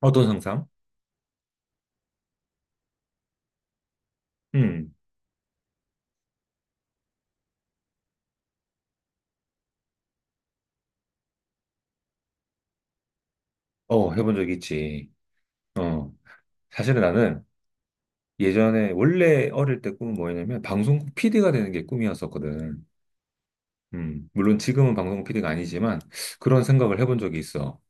어떤 상상? 음, 해본 적 있지. 어, 사실은 나는 예전에 원래 어릴 때 꿈은 뭐였냐면 방송국 PD가 되는 게 꿈이었었거든. 물론 지금은 방송국 PD가 아니지만 그런 생각을 해본 적이 있어.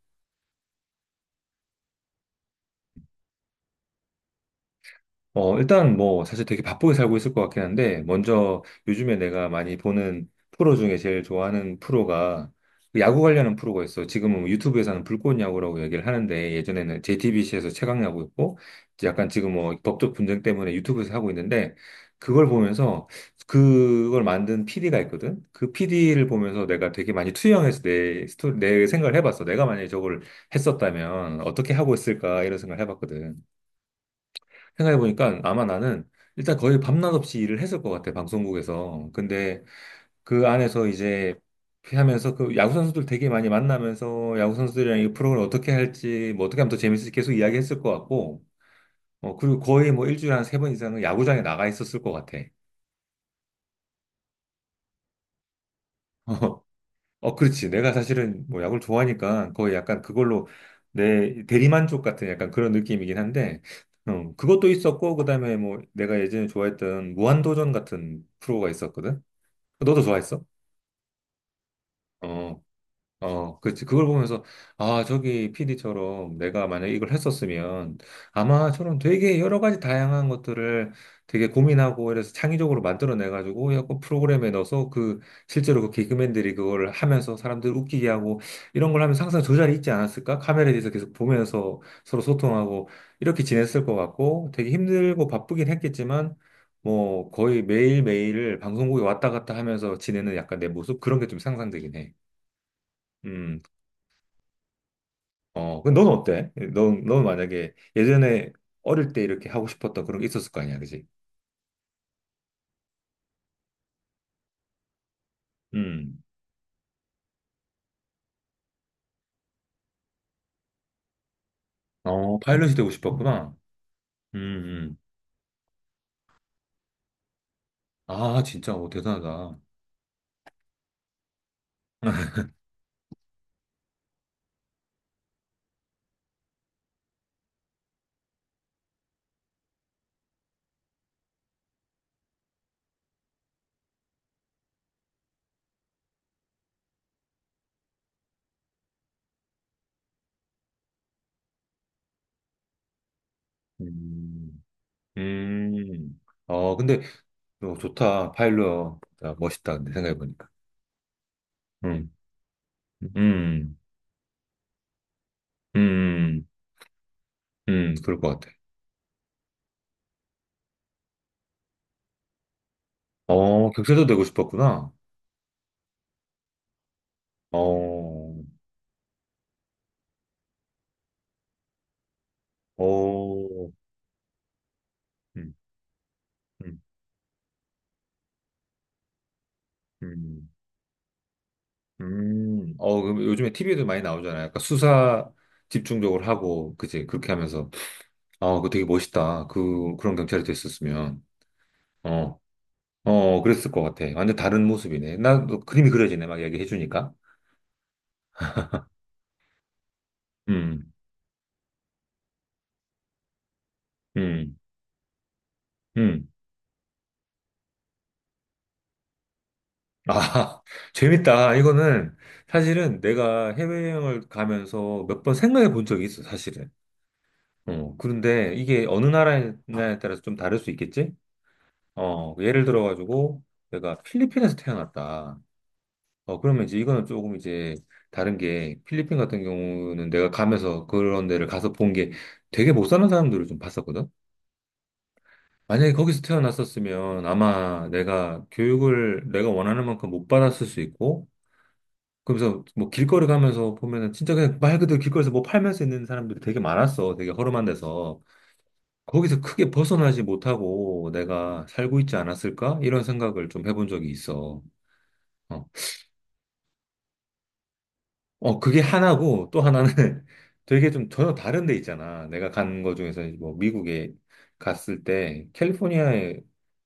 일단 뭐 사실 되게 바쁘게 살고 있을 것 같긴 한데 먼저 요즘에 내가 많이 보는 프로 중에 제일 좋아하는 프로가 그 야구 관련한 프로가 있어. 지금은 뭐 유튜브에서는 불꽃 야구라고 얘기를 하는데 예전에는 JTBC에서 최강 야구였고 이제 약간 지금 뭐 법적 분쟁 때문에 유튜브에서 하고 있는데 그걸 보면서 그걸 만든 PD가 있거든. 그 PD를 보면서 내가 되게 많이 투영해서 내 스토리, 내 생각을 해봤어. 내가 만약에 저걸 했었다면 어떻게 하고 있을까 이런 생각을 해봤거든. 생각해보니까 아마 나는 일단 거의 밤낮 없이 일을 했을 것 같아, 방송국에서. 근데 그 안에서 이제 하면서 그 야구 선수들 되게 많이 만나면서 야구 선수들이랑 이 프로그램 어떻게 할지 뭐 어떻게 하면 더 재밌을지 계속 이야기했을 것 같고 그리고 거의 뭐 일주일에 한 세 번 이상은 야구장에 나가 있었을 것 같아. 어, 그렇지. 내가 사실은 뭐 야구를 좋아하니까 거의 약간 그걸로 내 대리만족 같은 약간 그런 느낌이긴 한데, 그것도 있었고, 그 다음에 뭐 내가 예전에 좋아했던 무한도전 같은 프로가 있었거든? 너도 좋아했어? 어, 어, 그치. 그걸 보면서, 아, 저기 PD처럼 내가 만약에 이걸 했었으면 아마 저런 되게 여러 가지 다양한 것들을 되게 고민하고 이래서 창의적으로 만들어내가지고 약간 프로그램에 넣어서 그 실제로 그 개그맨들이 그걸 하면서 사람들 웃기게 하고 이런 걸 하면서 항상 저 자리에 있지 않았을까? 카메라에 대해서 계속 보면서 서로 소통하고 이렇게 지냈을 것 같고 되게 힘들고 바쁘긴 했겠지만 뭐 거의 매일매일을 방송국에 왔다 갔다 하면서 지내는 약간 내 모습 그런 게 좀 상상되긴 해. 음. 근데 넌 어때? 넌 만약에 예전에 어릴 때 이렇게 하고 싶었던 그런 게 있었을 거 아니야, 그지? 음. 어, 파일럿이 되고 싶었구나. 음, 음. 아, 진짜, 어, 대단하다. 음, 음. 어, 근데, 어, 좋다. 파일럿. 야, 멋있다. 근데 생각해보니까. 음, 음, 음, 그럴 것 같아. 어, 격세도 되고 싶었구나. 어, 어, 음, 음, 음. 그럼 요즘에 TV에도 많이 나오잖아요. 약간 수사 집중적으로 하고, 그치? 그렇게 하면서. 아, 그거 되게 멋있다. 그런 경찰이 됐었으면. 어, 어, 그랬을 것 같아. 완전 다른 모습이네. 나도 그림이 그려지네. 막 얘기해주니까. 음, 음, 음. 아, 재밌다. 이거는 사실은 내가 해외여행을 가면서 몇 번 생각해 본 적이 있어, 사실은. 그런데 이게 어느 나라에 따라서 좀 다를 수 있겠지? 예를 들어가지고, 내가 필리핀에서 태어났다. 그러면 이제 이거는 조금 이제 다른 게 필리핀 같은 경우는 내가 가면서 그런 데를 가서 본 게 되게 못 사는 사람들을 좀 봤었거든? 만약에 거기서 태어났었으면 아마 내가 교육을 내가 원하는 만큼 못 받았을 수 있고, 그러면서 뭐 길거리 가면서 보면은 진짜 그냥 말 그대로 길거리에서 뭐 팔면서 있는 사람들이 되게 많았어. 되게 허름한 데서. 거기서 크게 벗어나지 못하고 내가 살고 있지 않았을까? 이런 생각을 좀 해본 적이 있어. 어. 그게 하나고 또 하나는 되게 좀 전혀 다른 데 있잖아. 내가 간 거 중에서 이제 뭐 미국에 갔을 때, 캘리포니아에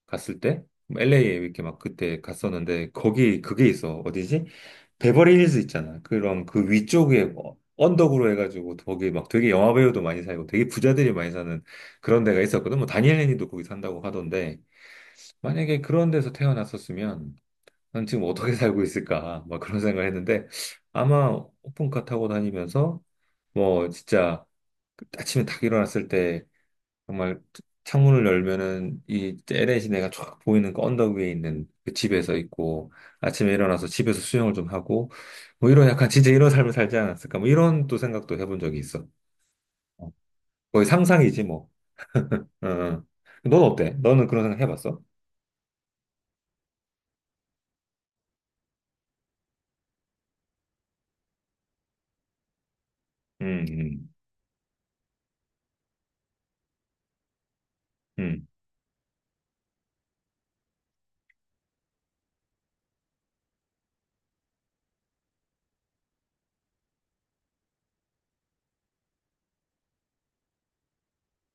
갔을 때, LA에 이렇게 막 그때 갔었는데, 거기 그게 있어. 어디지? 베버리힐즈 있잖아. 그럼 그 위쪽에 뭐 언덕으로 해가지고 거기 막 되게 영화 배우도 많이 살고 되게 부자들이 많이 사는 그런 데가 있었거든. 뭐 다니엘 레니도 거기 산다고 하던데, 만약에 그런 데서 태어났었으면 난 지금 어떻게 살고 있을까? 막 그런 생각을 했는데 아마 오픈카 타고 다니면서 뭐 진짜 아침에 딱 일어났을 때 정말 창문을 열면은 이 LA 시내가 쫙 보이는 그 언덕 위에 있는 그 집에서 있고 아침에 일어나서 집에서 수영을 좀 하고 뭐 이런 약간 진짜 이런 삶을 살지 않았을까? 뭐 이런 또 생각도 해본 적이 있어. 어, 거의 상상이지 뭐. 응. 응. 넌 어때? 너는 그런 생각 해봤어? 음, 음, 음,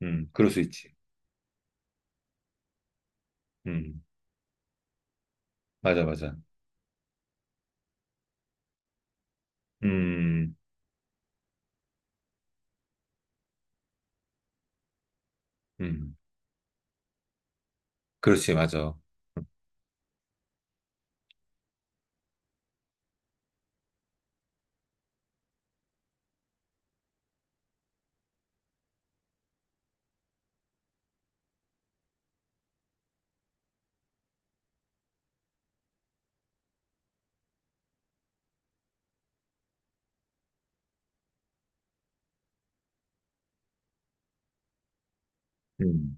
그럴 수 있지. 음, 맞아, 맞아. 음. 음, 그렇지, 맞아. 음,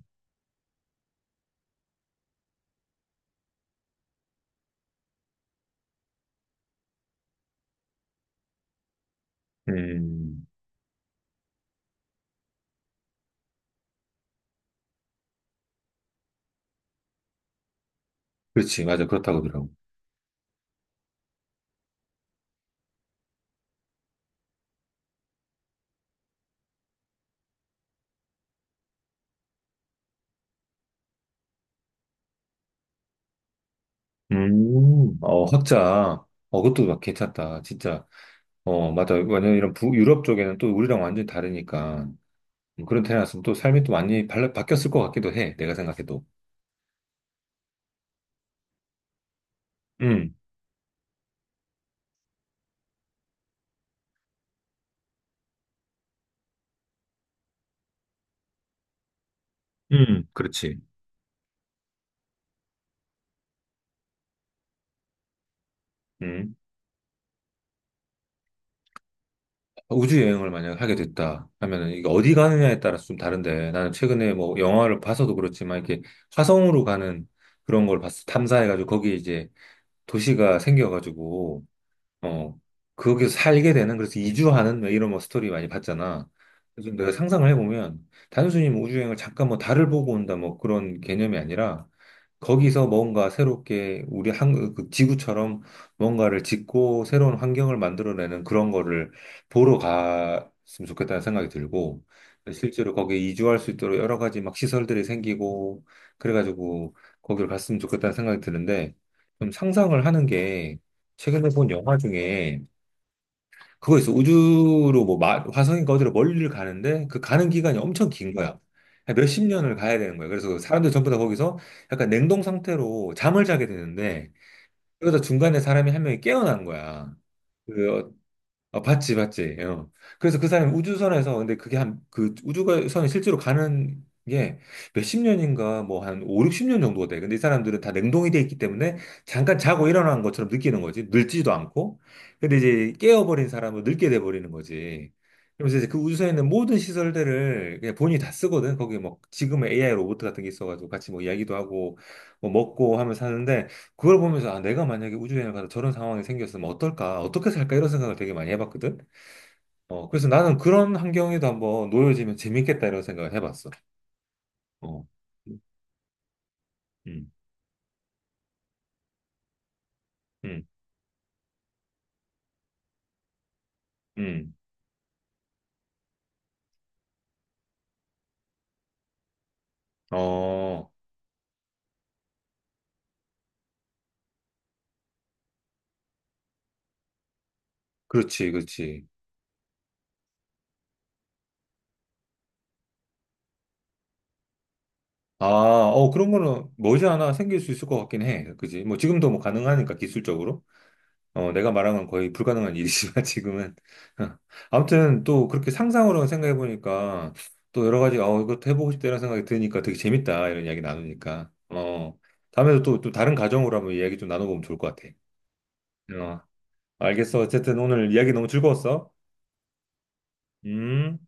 음, 그렇지, 맞아. 그렇다고 하더라고. 헛자. 그것도 막 괜찮다. 진짜. 어, 맞아. 완전 이런 유럽 쪽에는 또 우리랑 완전히 다르니까. 그런 태어났으면 또 삶이 또 많이 바뀌었을 것 같기도 해. 내가 생각해도. 음, 그렇지. 음. 우주 여행을 만약 하게 됐다 하면은 이게 어디 가느냐에 따라서 좀 다른데 나는 최근에 뭐 영화를 봐서도 그렇지만 이렇게 화성으로 가는 그런 걸 봤어. 탐사해가지고 거기 이제 도시가 생겨가지고, 어, 거기서 살게 되는, 그래서 이주하는 뭐 이런 뭐 스토리 많이 봤잖아. 그래서 내가 상상을 해보면, 단순히 뭐 우주여행을 잠깐 뭐 달을 보고 온다 뭐 그런 개념이 아니라, 거기서 뭔가 새롭게 우리 그 지구처럼 뭔가를 짓고 새로운 환경을 만들어내는 그런 거를 보러 갔으면 좋겠다는 생각이 들고, 실제로 거기에 이주할 수 있도록 여러 가지 막 시설들이 생기고, 그래가지고 거기를 갔으면 좋겠다는 생각이 드는데, 좀 상상을 하는 게, 최근에 본 영화 중에 그거 있어. 우주로 뭐 화성인가 어디로 멀리를 가는데 그 가는 기간이 엄청 긴 거야. 한 몇십 년을 가야 되는 거야. 그래서 사람들 전부 다 거기서 약간 냉동 상태로 잠을 자게 되는데 그러다 중간에 사람이 한 명이 깨어난 거야. 그 아, 봤지, 봤지. 어. 그래서 그 사람이 우주선에서, 근데 그게 그 우주선이 실제로 가는 게 몇 십 년인가, 뭐 한 5, 60년 정도가 돼. 근데 이 사람들은 다 냉동이 돼 있기 때문에 잠깐 자고 일어난 것처럼 느끼는 거지. 늙지도 않고. 근데 이제 깨어버린 사람은 늙게 돼버리는 거지. 그러면서 이제 그 우주선에 있는 모든 시설들을 그냥 본인이 다 쓰거든. 거기 뭐 지금의 AI 로봇 같은 게 있어가지고 같이 뭐 이야기도 하고, 뭐 먹고 하면서 사는데 그걸 보면서 아 내가 만약에 우주여행을 가서 저런 상황이 생겼으면 어떨까 어떻게 살까 이런 생각을 되게 많이 해봤거든 그래서 나는 그런 환경에도 한번 놓여지면 재밌겠다 이런 생각을 해봤어 어 음, 음, 음. 어, 그렇지, 그렇지. 아, 그런 거는 머지않아 생길 수 있을 것 같긴 해. 그지? 뭐, 지금도 뭐 가능하니까, 기술적으로. 내가 말한 건 거의 불가능한 일이지만 지금은 아무튼 또 그렇게 상상으로 생각해 보니까 또 여러 가지 어 이것도 해보고 싶다라는 생각이 드니까 되게 재밌다 이런 이야기 나누니까 어 다음에도 또, 또 다른 가정으로 한번 이야기 좀 나눠보면 좋을 것 같아. 어 알겠어 어쨌든 오늘 이야기 너무 즐거웠어. 음.